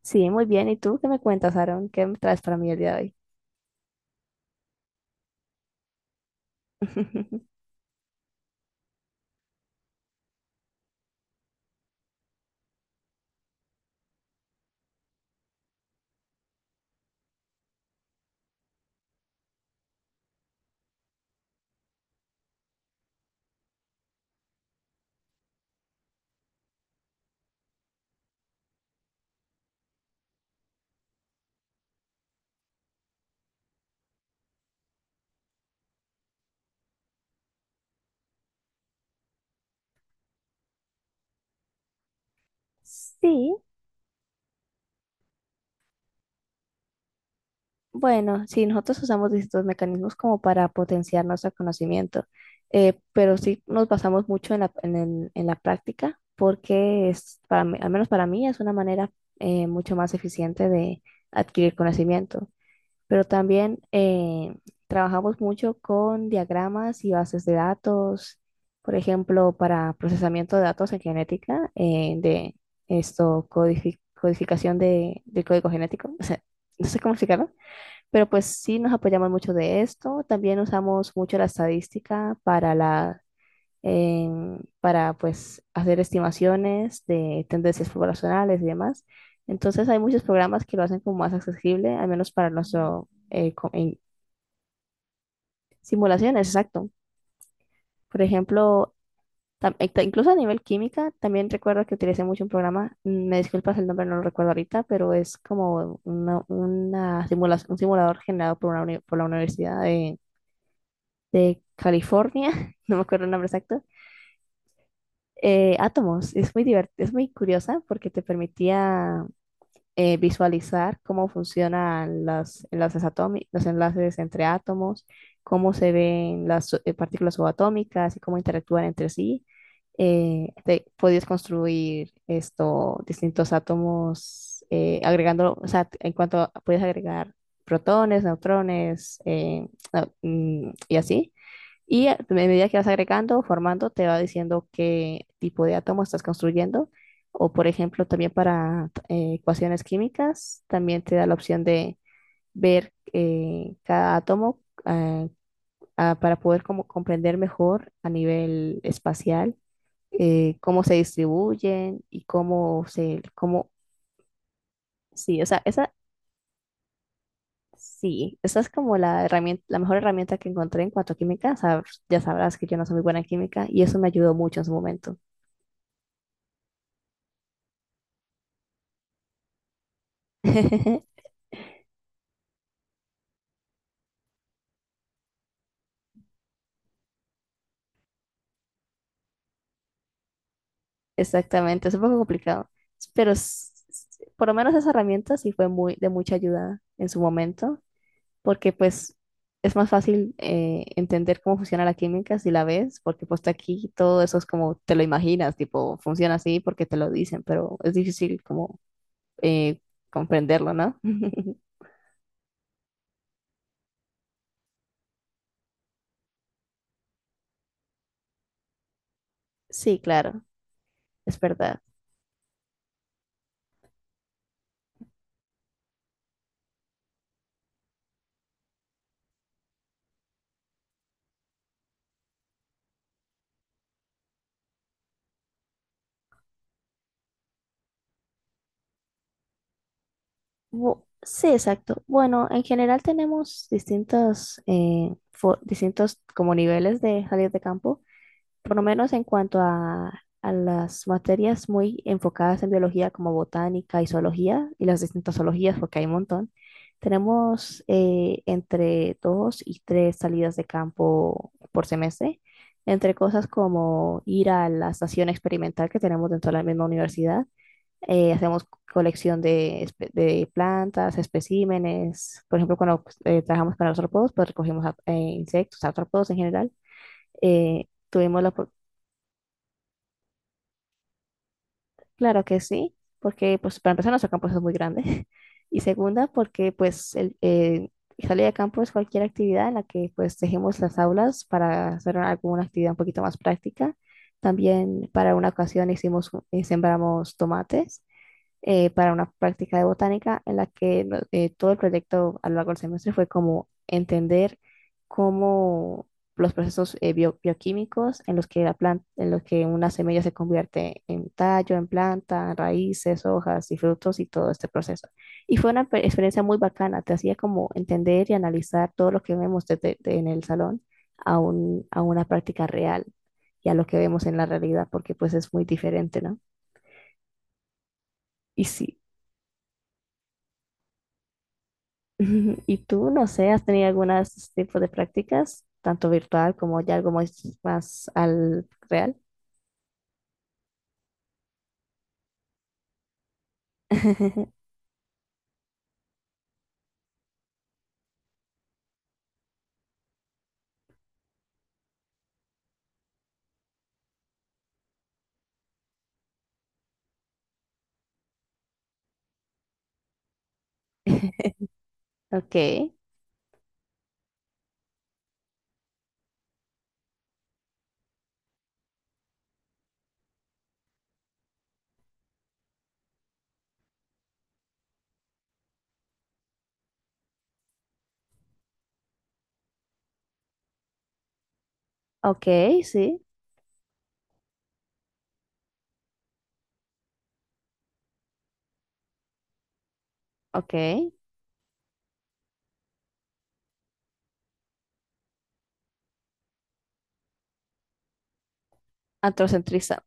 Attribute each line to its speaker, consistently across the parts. Speaker 1: Sí, muy bien. ¿Y tú qué me cuentas, Aaron? ¿Qué me traes para mí el día de hoy? Sí, bueno, sí, nosotros usamos distintos mecanismos como para potenciar nuestro conocimiento, pero sí nos basamos mucho en la práctica porque al menos para mí es una manera mucho más eficiente de adquirir conocimiento. Pero también trabajamos mucho con diagramas y bases de datos, por ejemplo, para procesamiento de datos en genética, codificación de, del código genético, o sea, no sé cómo explicarlo, pero pues sí nos apoyamos mucho de esto. También usamos mucho la estadística para para pues hacer estimaciones de tendencias poblacionales y demás. Entonces hay muchos programas que lo hacen como más accesible, al menos para nuestro en simulaciones, exacto. Por ejemplo, incluso a nivel química, también recuerdo que utilicé mucho un programa, me disculpas el nombre, no lo recuerdo ahorita, pero es como un simulador generado por la Universidad de California, no me acuerdo el nombre exacto, átomos. Es muy curiosa porque te permitía visualizar cómo funcionan los enlaces atómicos, los enlaces entre átomos, cómo se ven las partículas subatómicas y cómo interactúan entre sí. Podías construir esto, distintos átomos, agregando, o sea, puedes agregar protones, neutrones, y así. Y a medida que vas agregando formando, te va diciendo qué tipo de átomo estás construyendo. O, por ejemplo, también para ecuaciones químicas, también te da la opción de ver cada átomo eh, para poder como comprender mejor a nivel espacial cómo se distribuyen y sí, o sea, esa es como la herramienta, la mejor herramienta que encontré en cuanto a química. Ya sabrás que yo no soy muy buena en química y eso me ayudó mucho en su momento. Exactamente, es un poco complicado, pero por lo menos esa herramienta sí fue muy de mucha ayuda en su momento, porque pues es más fácil entender cómo funciona la química si la ves, porque pues aquí todo eso es como te lo imaginas, tipo funciona así porque te lo dicen, pero es difícil como eh, comprenderlo, ¿no? Sí, claro, es verdad. Sí, exacto. Bueno, en general tenemos distintos como niveles de salir de campo. Por lo menos en cuanto a las materias muy enfocadas en biología como botánica y zoología y las distintas zoologías, porque hay un montón, tenemos entre dos y tres salidas de campo por semestre, entre cosas como ir a la estación experimental que tenemos dentro de la misma universidad. Hacemos colección de plantas, especímenes. Por ejemplo, cuando pues, trabajamos con artrópodos, pues recogimos insectos, artrópodos en general. Tuvimos la. Claro que sí, porque pues para empezar nuestro campus es muy grande y segunda porque pues salir de campo es cualquier actividad en la que pues dejemos las aulas para hacer alguna actividad un poquito más práctica. También para una ocasión hicimos, sembramos tomates para una práctica de botánica en la que todo el proyecto a lo largo del semestre fue como entender cómo los procesos bioquímicos en los que la planta, en los que una semilla se convierte en tallo, en planta, raíces, hojas y frutos y todo este proceso. Y fue una experiencia muy bacana, te hacía como entender y analizar todo lo que vemos en el salón a una práctica real y a lo que vemos en la realidad, porque pues es muy diferente, ¿no? Y sí. ¿Y tú, no sé, has tenido alguna de estos tipos de prácticas, tanto virtual como ya algo más, más al real? Ok, ok, sí, ok. Antrocentriza.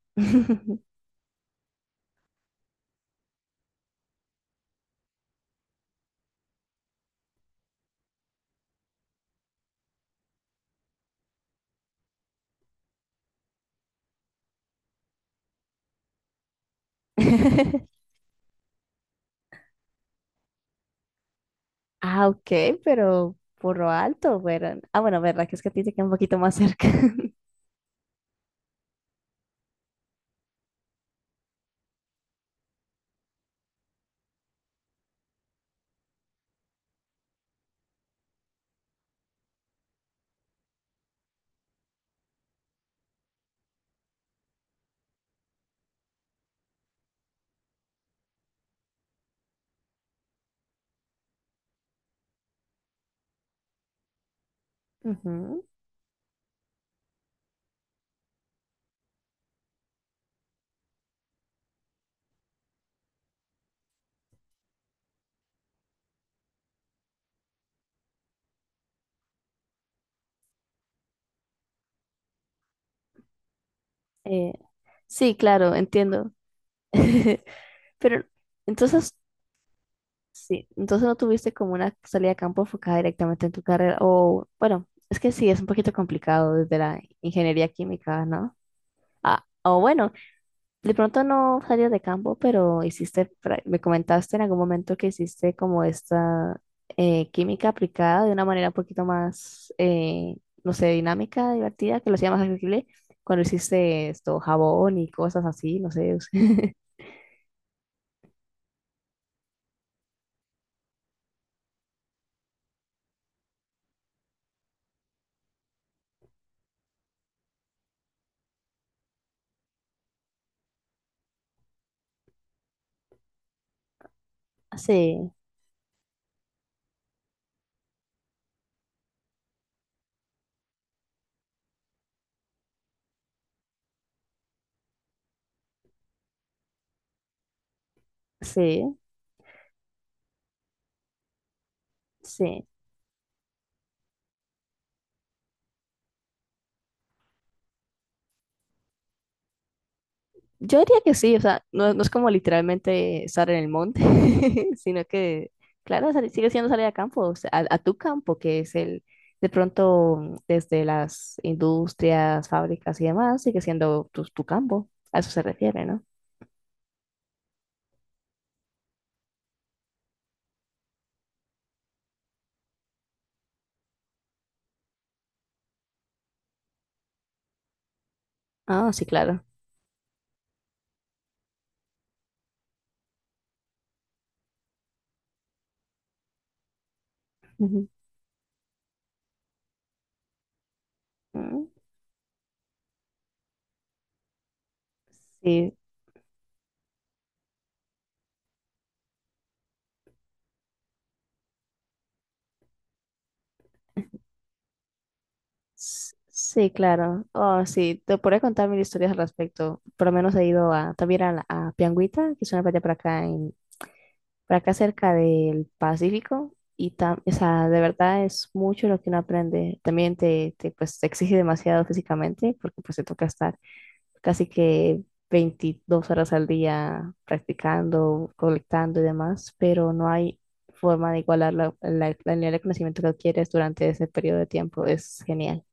Speaker 1: Ah, ok, pero por lo alto, pero... Ah, bueno, verdad que es que a ti te queda un poquito más cerca. Ujú, eh, sí, claro, entiendo. Pero entonces. Sí, entonces no tuviste como una salida a campo enfocada directamente en tu carrera, o bueno, es que sí, es un poquito complicado desde la ingeniería química, ¿no? Ah, o bueno, de pronto no salías de campo, pero hiciste, me comentaste en algún momento que hiciste como esta química aplicada de una manera un poquito más, no sé, dinámica, divertida, que lo hacía más accesible cuando hiciste esto, jabón y cosas así, no sé. Sí, sí, sí. Yo diría que sí, o sea, no, no es como literalmente estar en el monte, sino que, claro, sigue siendo salir a campo, o sea, a tu campo, que es el, de pronto, desde las industrias, fábricas y demás, sigue siendo tu, tu campo, a eso se refiere, ¿no? Ah, sí, claro. Ujú. Mm, sí, sí, claro. Oh, sí, te podría contar mil historias al respecto. Por lo menos he ido también a Pianguita, que es una playa por acá cerca del Pacífico y o sea, de verdad es mucho lo que uno aprende. También pues, te exige demasiado físicamente porque pues te toca estar casi que 22 horas al día practicando, colectando y demás, pero no hay forma de igualar la nivel de conocimiento que adquieres durante ese periodo de tiempo. Es genial.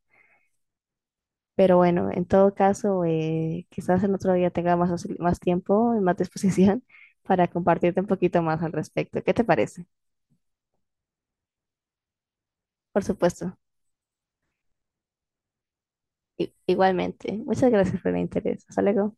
Speaker 1: Pero bueno, en todo caso, quizás en otro día tenga más tiempo y más disposición para compartirte un poquito más al respecto. ¿Qué te parece? Por supuesto. Igualmente. Muchas gracias por el interés. Hasta luego.